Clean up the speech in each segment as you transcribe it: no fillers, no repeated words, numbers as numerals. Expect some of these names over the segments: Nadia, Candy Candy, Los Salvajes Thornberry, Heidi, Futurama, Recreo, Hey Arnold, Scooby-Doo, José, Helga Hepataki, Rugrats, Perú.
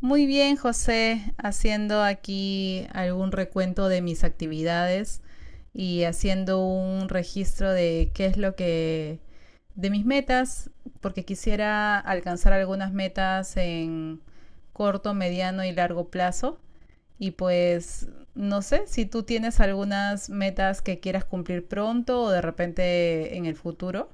Muy bien, José, haciendo aquí algún recuento de mis actividades y haciendo un registro de qué es lo que de mis metas, porque quisiera alcanzar algunas metas en corto, mediano y largo plazo. Y pues no sé si tú tienes algunas metas que quieras cumplir pronto o de repente en el futuro.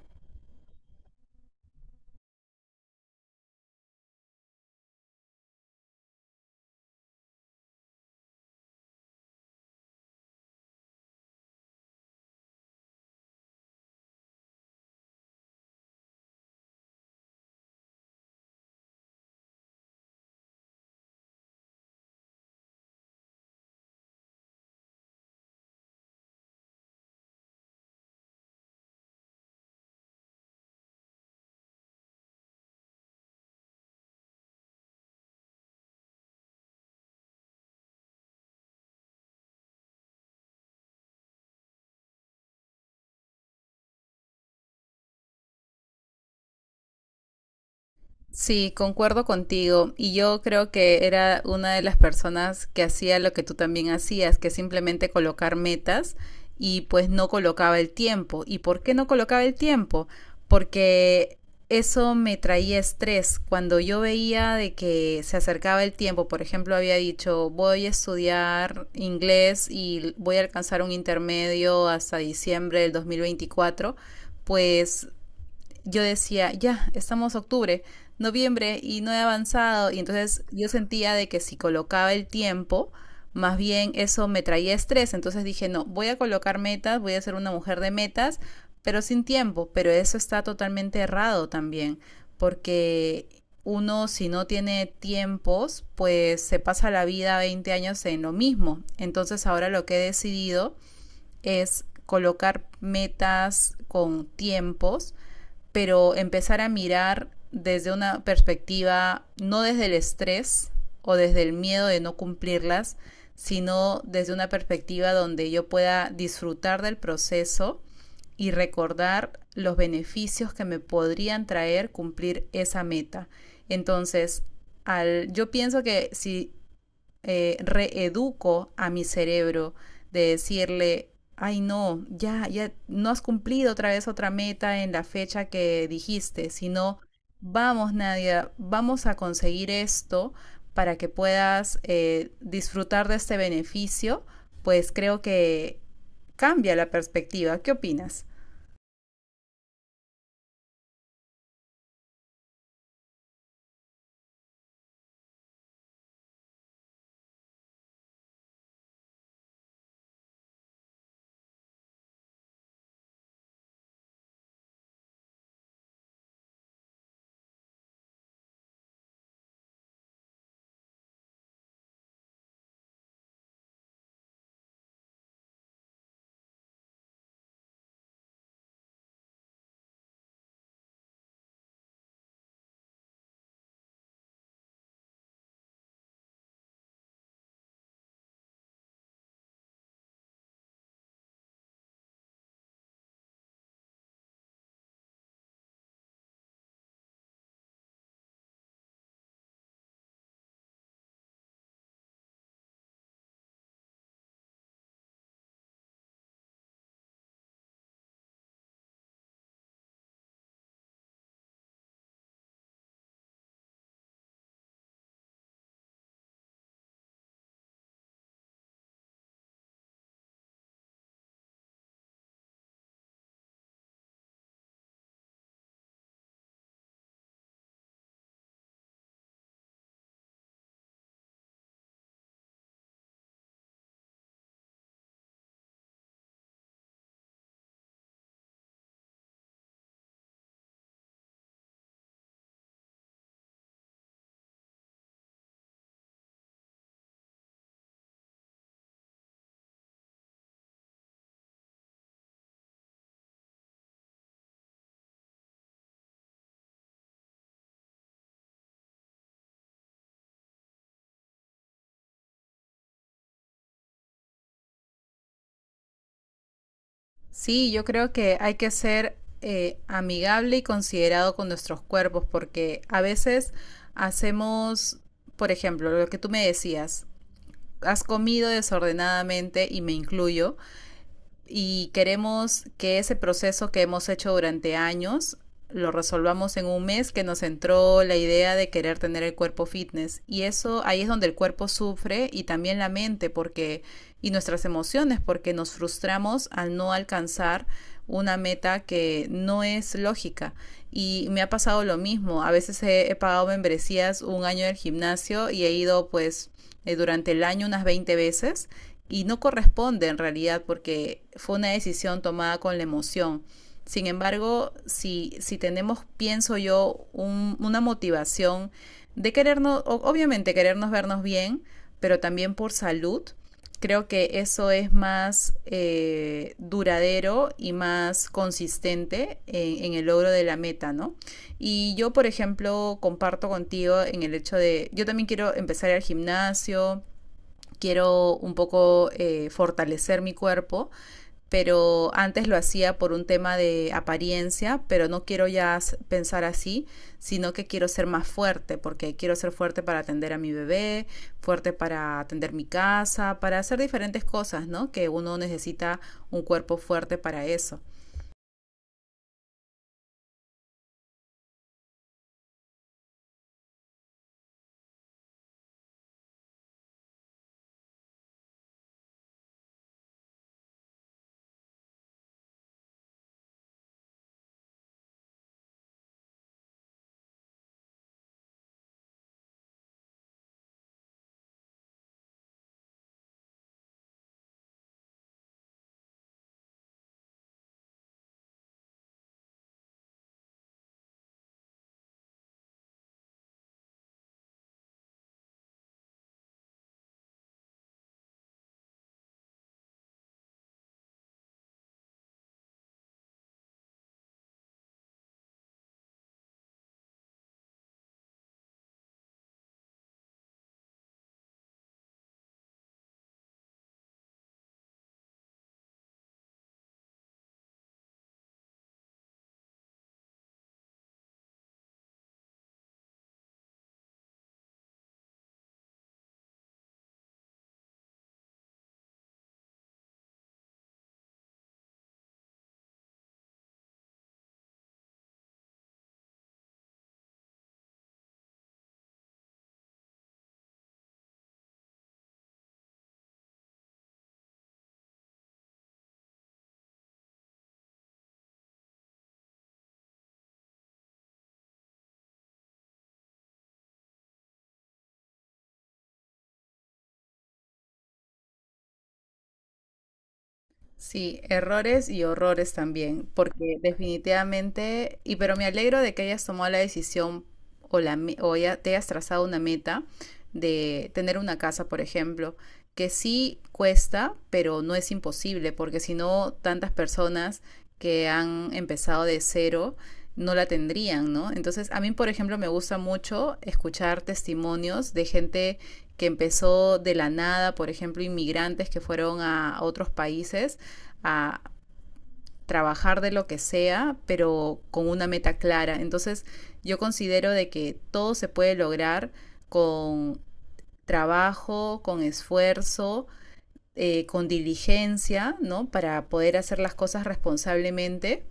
Sí, concuerdo contigo. Y yo creo que era una de las personas que hacía lo que tú también hacías, que simplemente colocar metas y pues no colocaba el tiempo. ¿Y por qué no colocaba el tiempo? Porque eso me traía estrés. Cuando yo veía de que se acercaba el tiempo, por ejemplo, había dicho, voy a estudiar inglés y voy a alcanzar un intermedio hasta diciembre del 2024. Pues yo decía, ya, estamos octubre, noviembre y no he avanzado. Y entonces yo sentía de que si colocaba el tiempo, más bien eso me traía estrés. Entonces dije, no, voy a colocar metas, voy a ser una mujer de metas, pero sin tiempo. Pero eso está totalmente errado también, porque uno si no tiene tiempos, pues se pasa la vida 20 años en lo mismo. Entonces ahora lo que he decidido es colocar metas con tiempos pero empezar a mirar desde una perspectiva, no desde el estrés o desde el miedo de no cumplirlas, sino desde una perspectiva donde yo pueda disfrutar del proceso y recordar los beneficios que me podrían traer cumplir esa meta. Entonces, yo pienso que si reeduco a mi cerebro de decirle, ay no, ya, ya no has cumplido otra vez otra meta en la fecha que dijiste, sino vamos, Nadia, vamos a conseguir esto para que puedas disfrutar de este beneficio, pues creo que cambia la perspectiva. ¿Qué opinas? Sí, yo creo que hay que ser amigable y considerado con nuestros cuerpos, porque a veces hacemos, por ejemplo, lo que tú me decías, has comido desordenadamente y me incluyo, y queremos que ese proceso que hemos hecho durante años lo resolvamos en un mes que nos entró la idea de querer tener el cuerpo fitness, y eso ahí es donde el cuerpo sufre y también la mente, porque y nuestras emociones, porque nos frustramos al no alcanzar una meta que no es lógica. Y me ha pasado lo mismo. A veces he pagado membresías un año del gimnasio y he ido, pues durante el año, unas 20 veces, y no corresponde en realidad porque fue una decisión tomada con la emoción. Sin embargo, si tenemos, pienso yo, una motivación de querernos, obviamente querernos vernos bien, pero también por salud, creo que eso es más duradero y más consistente en, el logro de la meta, ¿no? Y yo, por ejemplo, comparto contigo en el hecho de, yo también quiero empezar al gimnasio, quiero un poco fortalecer mi cuerpo, pero antes lo hacía por un tema de apariencia, pero no quiero ya pensar así, sino que quiero ser más fuerte, porque quiero ser fuerte para atender a mi bebé, fuerte para atender mi casa, para hacer diferentes cosas, ¿no? Que uno necesita un cuerpo fuerte para eso. Sí, errores y horrores también, porque definitivamente, y pero me alegro de que hayas tomado la decisión o ya te hayas trazado una meta de tener una casa, por ejemplo, que sí cuesta, pero no es imposible, porque si no, tantas personas que han empezado de cero no la tendrían, ¿no? Entonces, a mí, por ejemplo, me gusta mucho escuchar testimonios de gente que empezó de la nada, por ejemplo, inmigrantes que fueron a otros países a trabajar de lo que sea, pero con una meta clara. Entonces yo considero de que todo se puede lograr con trabajo, con esfuerzo, con diligencia, ¿no? Para poder hacer las cosas responsablemente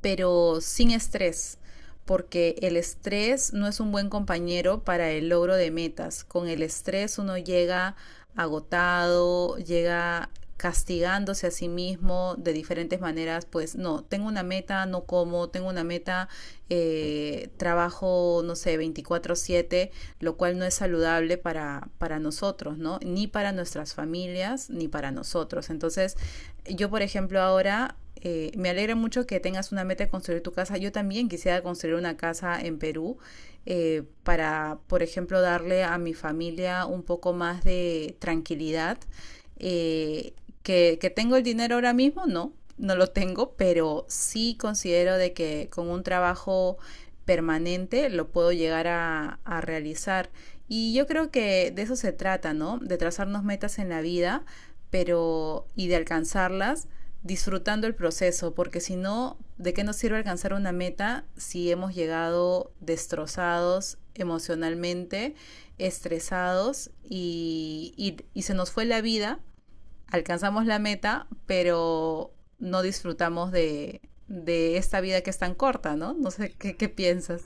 pero sin estrés, porque el estrés no es un buen compañero para el logro de metas. Con el estrés uno llega agotado, llega castigándose a sí mismo de diferentes maneras, pues no, tengo una meta, no como, tengo una meta, trabajo, no sé, 24/7, lo cual no es saludable para, nosotros, ¿no? Ni para nuestras familias, ni para nosotros. Entonces, yo, por ejemplo, ahora me alegra mucho que tengas una meta de construir tu casa. Yo también quisiera construir una casa en Perú, para, por ejemplo, darle a mi familia un poco más de tranquilidad. Eh, que tengo el dinero ahora mismo, no, no lo tengo, pero sí considero de que con un trabajo permanente lo puedo llegar a, realizar. Y yo creo que de eso se trata, ¿no? De trazarnos metas en la vida pero y de alcanzarlas disfrutando el proceso, porque si no, ¿de qué nos sirve alcanzar una meta si hemos llegado destrozados emocionalmente, estresados y se nos fue la vida? Alcanzamos la meta, pero no disfrutamos de, esta vida que es tan corta, ¿no? No sé qué, piensas.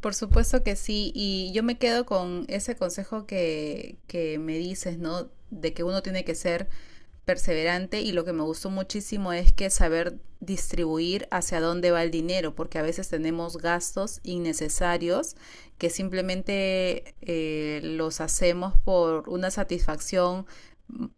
Por supuesto que sí, y yo me quedo con ese consejo que, me dices, ¿no? De que uno tiene que ser perseverante, y lo que me gustó muchísimo es que saber distribuir hacia dónde va el dinero, porque a veces tenemos gastos innecesarios que simplemente los hacemos por una satisfacción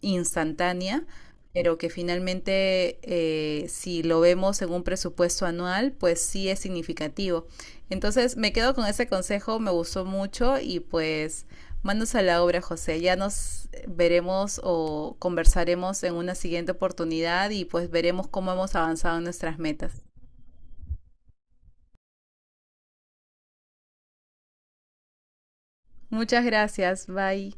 instantánea, pero que finalmente, si lo vemos en un presupuesto anual, pues sí es significativo. Entonces me quedo con ese consejo, me gustó mucho, y pues manos a la obra, José. Ya nos veremos o conversaremos en una siguiente oportunidad y pues veremos cómo hemos avanzado en nuestras metas. Muchas gracias, bye.